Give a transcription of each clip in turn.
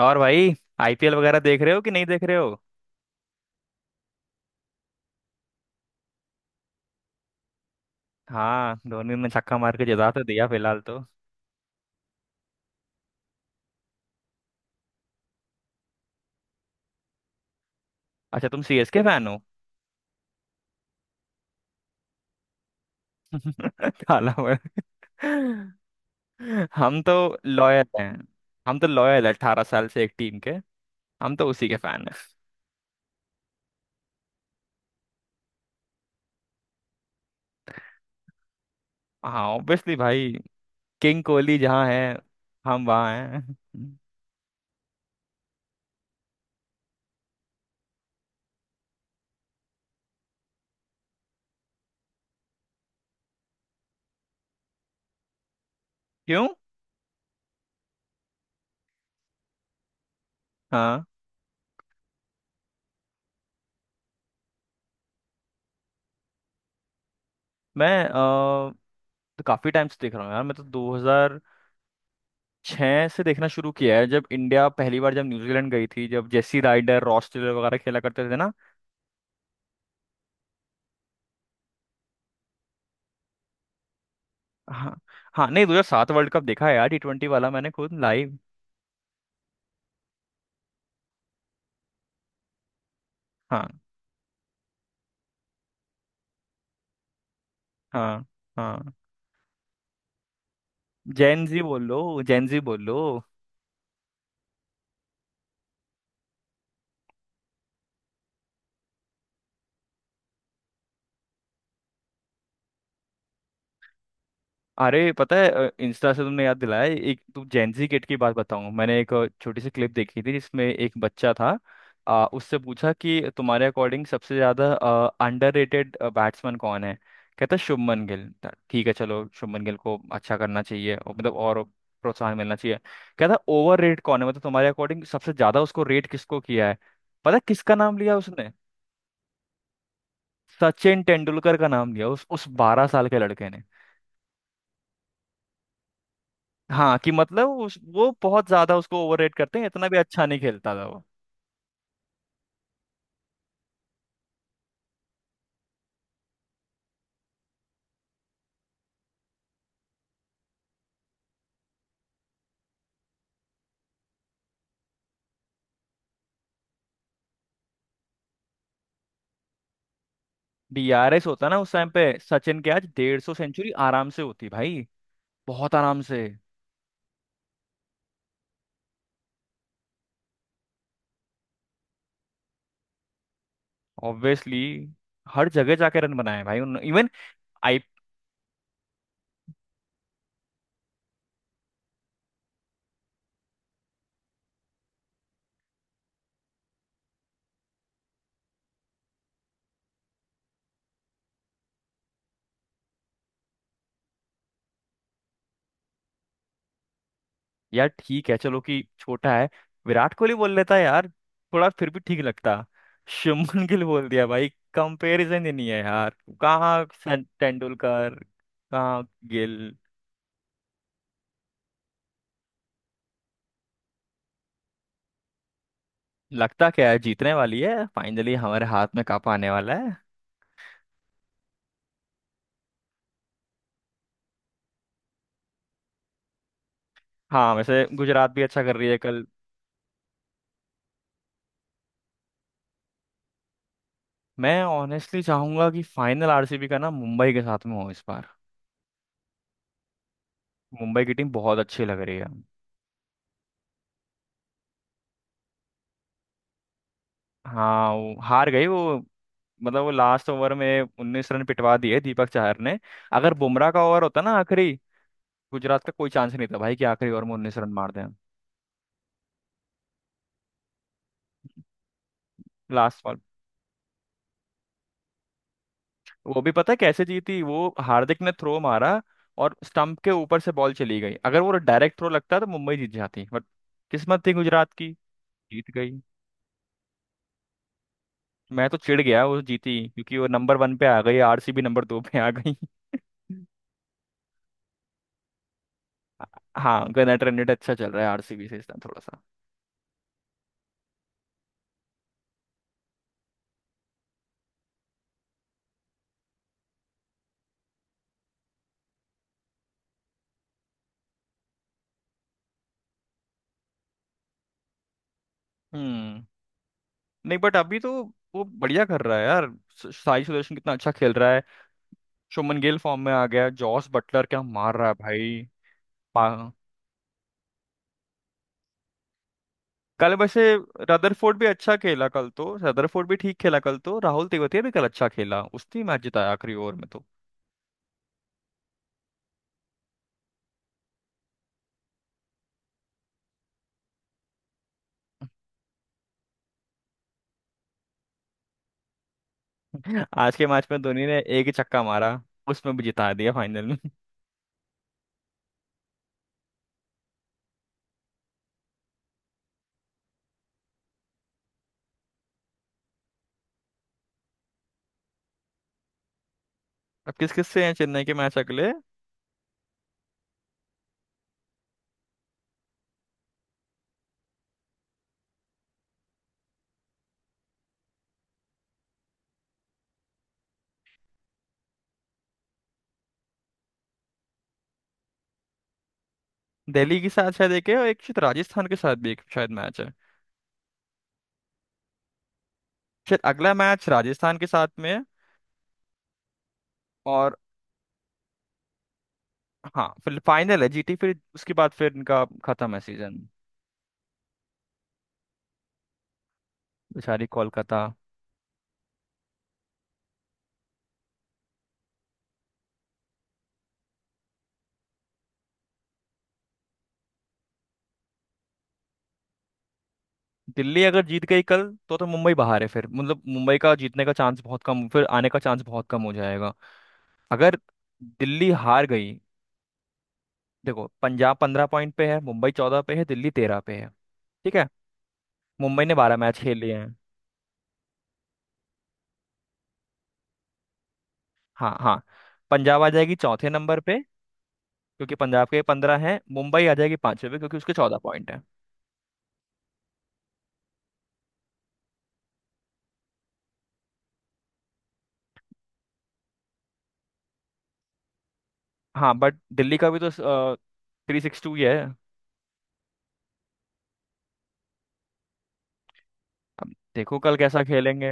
और भाई। आईपीएल वगैरह देख रहे हो कि नहीं देख रहे हो? हाँ, धोनी ने छक्का मार के जता तो दिया फिलहाल तो। अच्छा, तुम सीएसके फैन हो? काला मर- हम तो लॉयल हैं। हम तो लॉयल है 18 साल से एक टीम के। हम तो उसी के फैन हैं। हाँ ऑब्वियसली भाई। किंग कोहली जहाँ है हम वहाँ हैं। क्यों? हाँ, मैं अ, तो काफी टाइम से देख रहा हूँ यार। मैं तो 2006 से देखना शुरू किया है जब इंडिया पहली बार जब न्यूजीलैंड गई थी, जब जेसी राइडर रॉस टेलर वगैरह खेला करते थे ना। हाँ हाँ। नहीं, 2007 वर्ल्ड कप देखा है यार, T20 वाला, मैंने खुद लाइव। हाँ हाँ हाँ। जेन जी बोल लो, जेन जी बोल लो। अरे पता है, इंस्टा से तुमने याद दिलाया। एक तुम जेंजी किड की बात बताऊं, मैंने एक छोटी सी क्लिप देखी थी जिसमें एक बच्चा था। उससे पूछा कि तुम्हारे अकॉर्डिंग सबसे ज्यादा अंडररेटेड बैट्समैन कौन है। कहता शुभमन गिल था। ठीक है चलो, शुभमन गिल को अच्छा करना चाहिए और मतलब और प्रोत्साहन मिलना चाहिए। कहता ओवर रेट कौन है, मतलब तुम्हारे अकॉर्डिंग सबसे ज्यादा उसको रेट किसको किया है। पता है किसका नाम लिया उसने? सचिन तेंदुलकर का नाम लिया उस 12 साल के लड़के ने। हाँ कि मतलब वो बहुत ज्यादा उसको ओवररेट करते हैं, इतना भी अच्छा नहीं खेलता था वो। डीआरएस होता ना उस टाइम पे, सचिन के आज 150 सेंचुरी आराम से होती भाई। बहुत आराम से। ऑब्वियसली हर जगह जाके रन बनाए भाई उन इवन। आई यार ठीक है, चलो कि छोटा है। विराट कोहली बोल लेता है यार, थोड़ा फिर भी ठीक लगता। शुभमन गिल बोल दिया भाई, कंपैरिजन ही नहीं है यार। कहाँ तेंदुलकर, कहाँ गिल। लगता क्या है, जीतने वाली है फाइनली, हमारे हाथ में कप आने वाला है। हाँ वैसे गुजरात भी अच्छा कर रही है कल। मैं ऑनेस्टली चाहूंगा कि फाइनल आरसीबी का ना मुंबई के साथ में हो इस बार। मुंबई की टीम बहुत अच्छी लग रही है। हाँ वो हार गई वो। मतलब वो लास्ट ओवर में 19 रन पिटवा दिए दीपक चाहर ने। अगर बुमराह का ओवर होता ना आखिरी, गुजरात का कोई चांस नहीं था भाई कि आखिरी ओवर में 19 रन मार दें। लास्ट, वो भी पता है कैसे जीती? वो हार्दिक ने थ्रो मारा और स्टंप के ऊपर से बॉल चली गई, अगर वो डायरेक्ट थ्रो लगता तो मुंबई जीत जाती बट किस्मत थी गुजरात की, जीत गई। मैं तो चिढ़ गया वो जीती, क्योंकि वो नंबर 1 पे आ गई, आरसीबी नंबर 2 पे आ गई हाँ कर्नाटक रेट अच्छा चल रहा है आरसीबी से इस टाइम थोड़ा सा। हम्म। नहीं बट अभी तो वो बढ़िया कर रहा है यार। साई सुदर्शन कितना अच्छा खेल रहा है। शुभमन गिल फॉर्म में आ गया, जॉस बटलर क्या मार रहा है भाई। कल वैसे रदरफोर्ड भी अच्छा खेला कल तो, रदरफोर्ड भी ठीक खेला कल तो, राहुल तेवतिया भी कल अच्छा खेला, उसने मैच जिताया आखिरी ओवर में तो। आज के मैच में धोनी ने एक ही छक्का मारा, उसमें भी जिता दिया फाइनल में अब किस किस से हैं चेन्नई के मैच अगले? दिल्ली के साथ शायद एक है, और एक शायद राजस्थान के साथ भी एक शायद मैच है। शायद अगला मैच राजस्थान के साथ में है और, हाँ फिर फाइनल है जीटी, फिर उसके बाद फिर इनका खत्म है सीजन। बेचारी कोलकाता। दिल्ली अगर जीत गई कल तो मुंबई बाहर है फिर, मतलब मुंबई का जीतने का चांस बहुत कम, फिर आने का चांस बहुत कम हो जाएगा अगर दिल्ली हार गई। देखो, पंजाब 15 पॉइंट पे है, मुंबई 14 पे है, दिल्ली 13 पे है। ठीक है, मुंबई ने 12 मैच खेल लिए हैं। हाँ हाँ, पंजाब आ जाएगी चौथे नंबर पे, क्योंकि पंजाब के 15 हैं, मुंबई आ जाएगी पांचवे पे क्योंकि उसके 14 पॉइंट हैं। हाँ बट दिल्ली का भी तो थ्री सिक्स टू ही है। अब देखो कल कैसा खेलेंगे।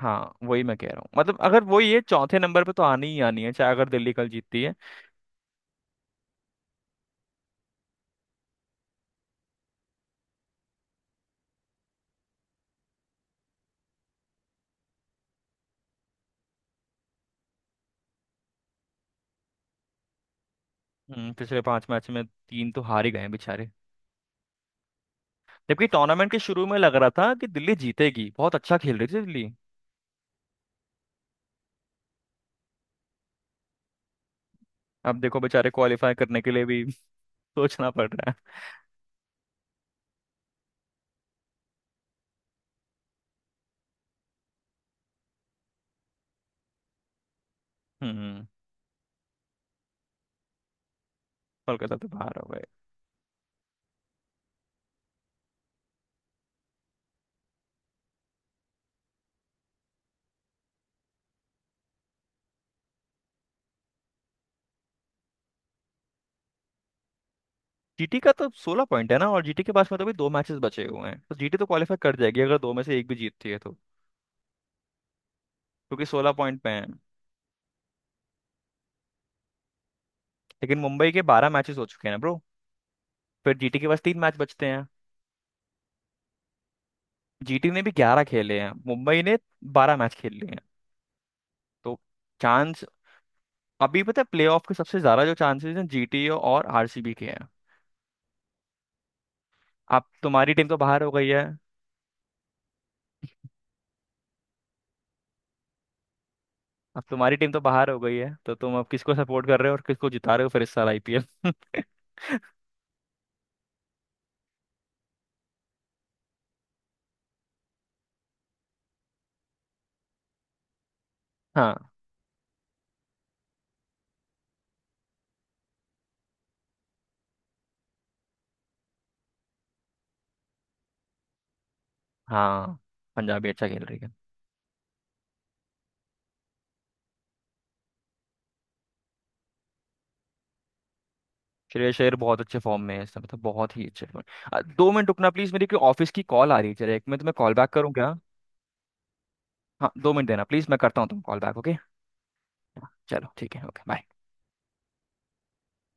हाँ वही मैं कह रहा हूँ, मतलब अगर वो ये चौथे नंबर पे तो आनी ही आनी है, चाहे अगर दिल्ली कल जीतती है। पिछले पांच मैच में तीन तो हार ही गए हैं बेचारे। जबकि टूर्नामेंट के शुरू में लग रहा था कि दिल्ली जीतेगी, बहुत अच्छा खेल रही थी दिल्ली। अब देखो बेचारे क्वालिफाई करने के लिए भी सोचना पड़ रहा है। हम्म। कोलकाता तो बाहर हो गए। जीटी का तो 16 पॉइंट है ना, और जीटी के पास में तो अभी दो मैचेस बचे हुए हैं, तो जीटी तो क्वालिफाई कर जाएगी अगर दो में से एक भी जीतती है तो, क्योंकि 16 पॉइंट पे है। लेकिन मुंबई के 12 मैचेस हो चुके हैं ना ब्रो। फिर जीटी के पास तीन मैच बचते हैं। जीटी ने भी 11 खेले हैं, मुंबई ने 12 मैच खेल लिए हैं। तो चांस अभी पता है, प्लेऑफ के सबसे ज्यादा जो चांसेस हैं जीटी और आरसीबी के हैं। अब तुम्हारी टीम तो बाहर हो गई है। अब तुम्हारी टीम तो बाहर हो गई है, तो तुम अब किसको सपोर्ट कर रहे हो और किसको जिता रहे हो फिर इस साल आईपीएल हाँ हाँ, पंजाबी अच्छा खेल रही है। श्रेयस अय्यर बहुत अच्छे फॉर्म में है इस समय, तो बहुत ही अच्छे फॉर्म। 2 मिनट रुकना प्लीज, मेरी कोई ऑफिस की कॉल आ रही है, चलो 1 मिनट मैं तुम्हें कॉल बैक करूँ क्या? हाँ दो मिनट देना प्लीज, मैं करता हूँ तुम कॉल बैक, ओके। चलो ठीक है, ओके बाय।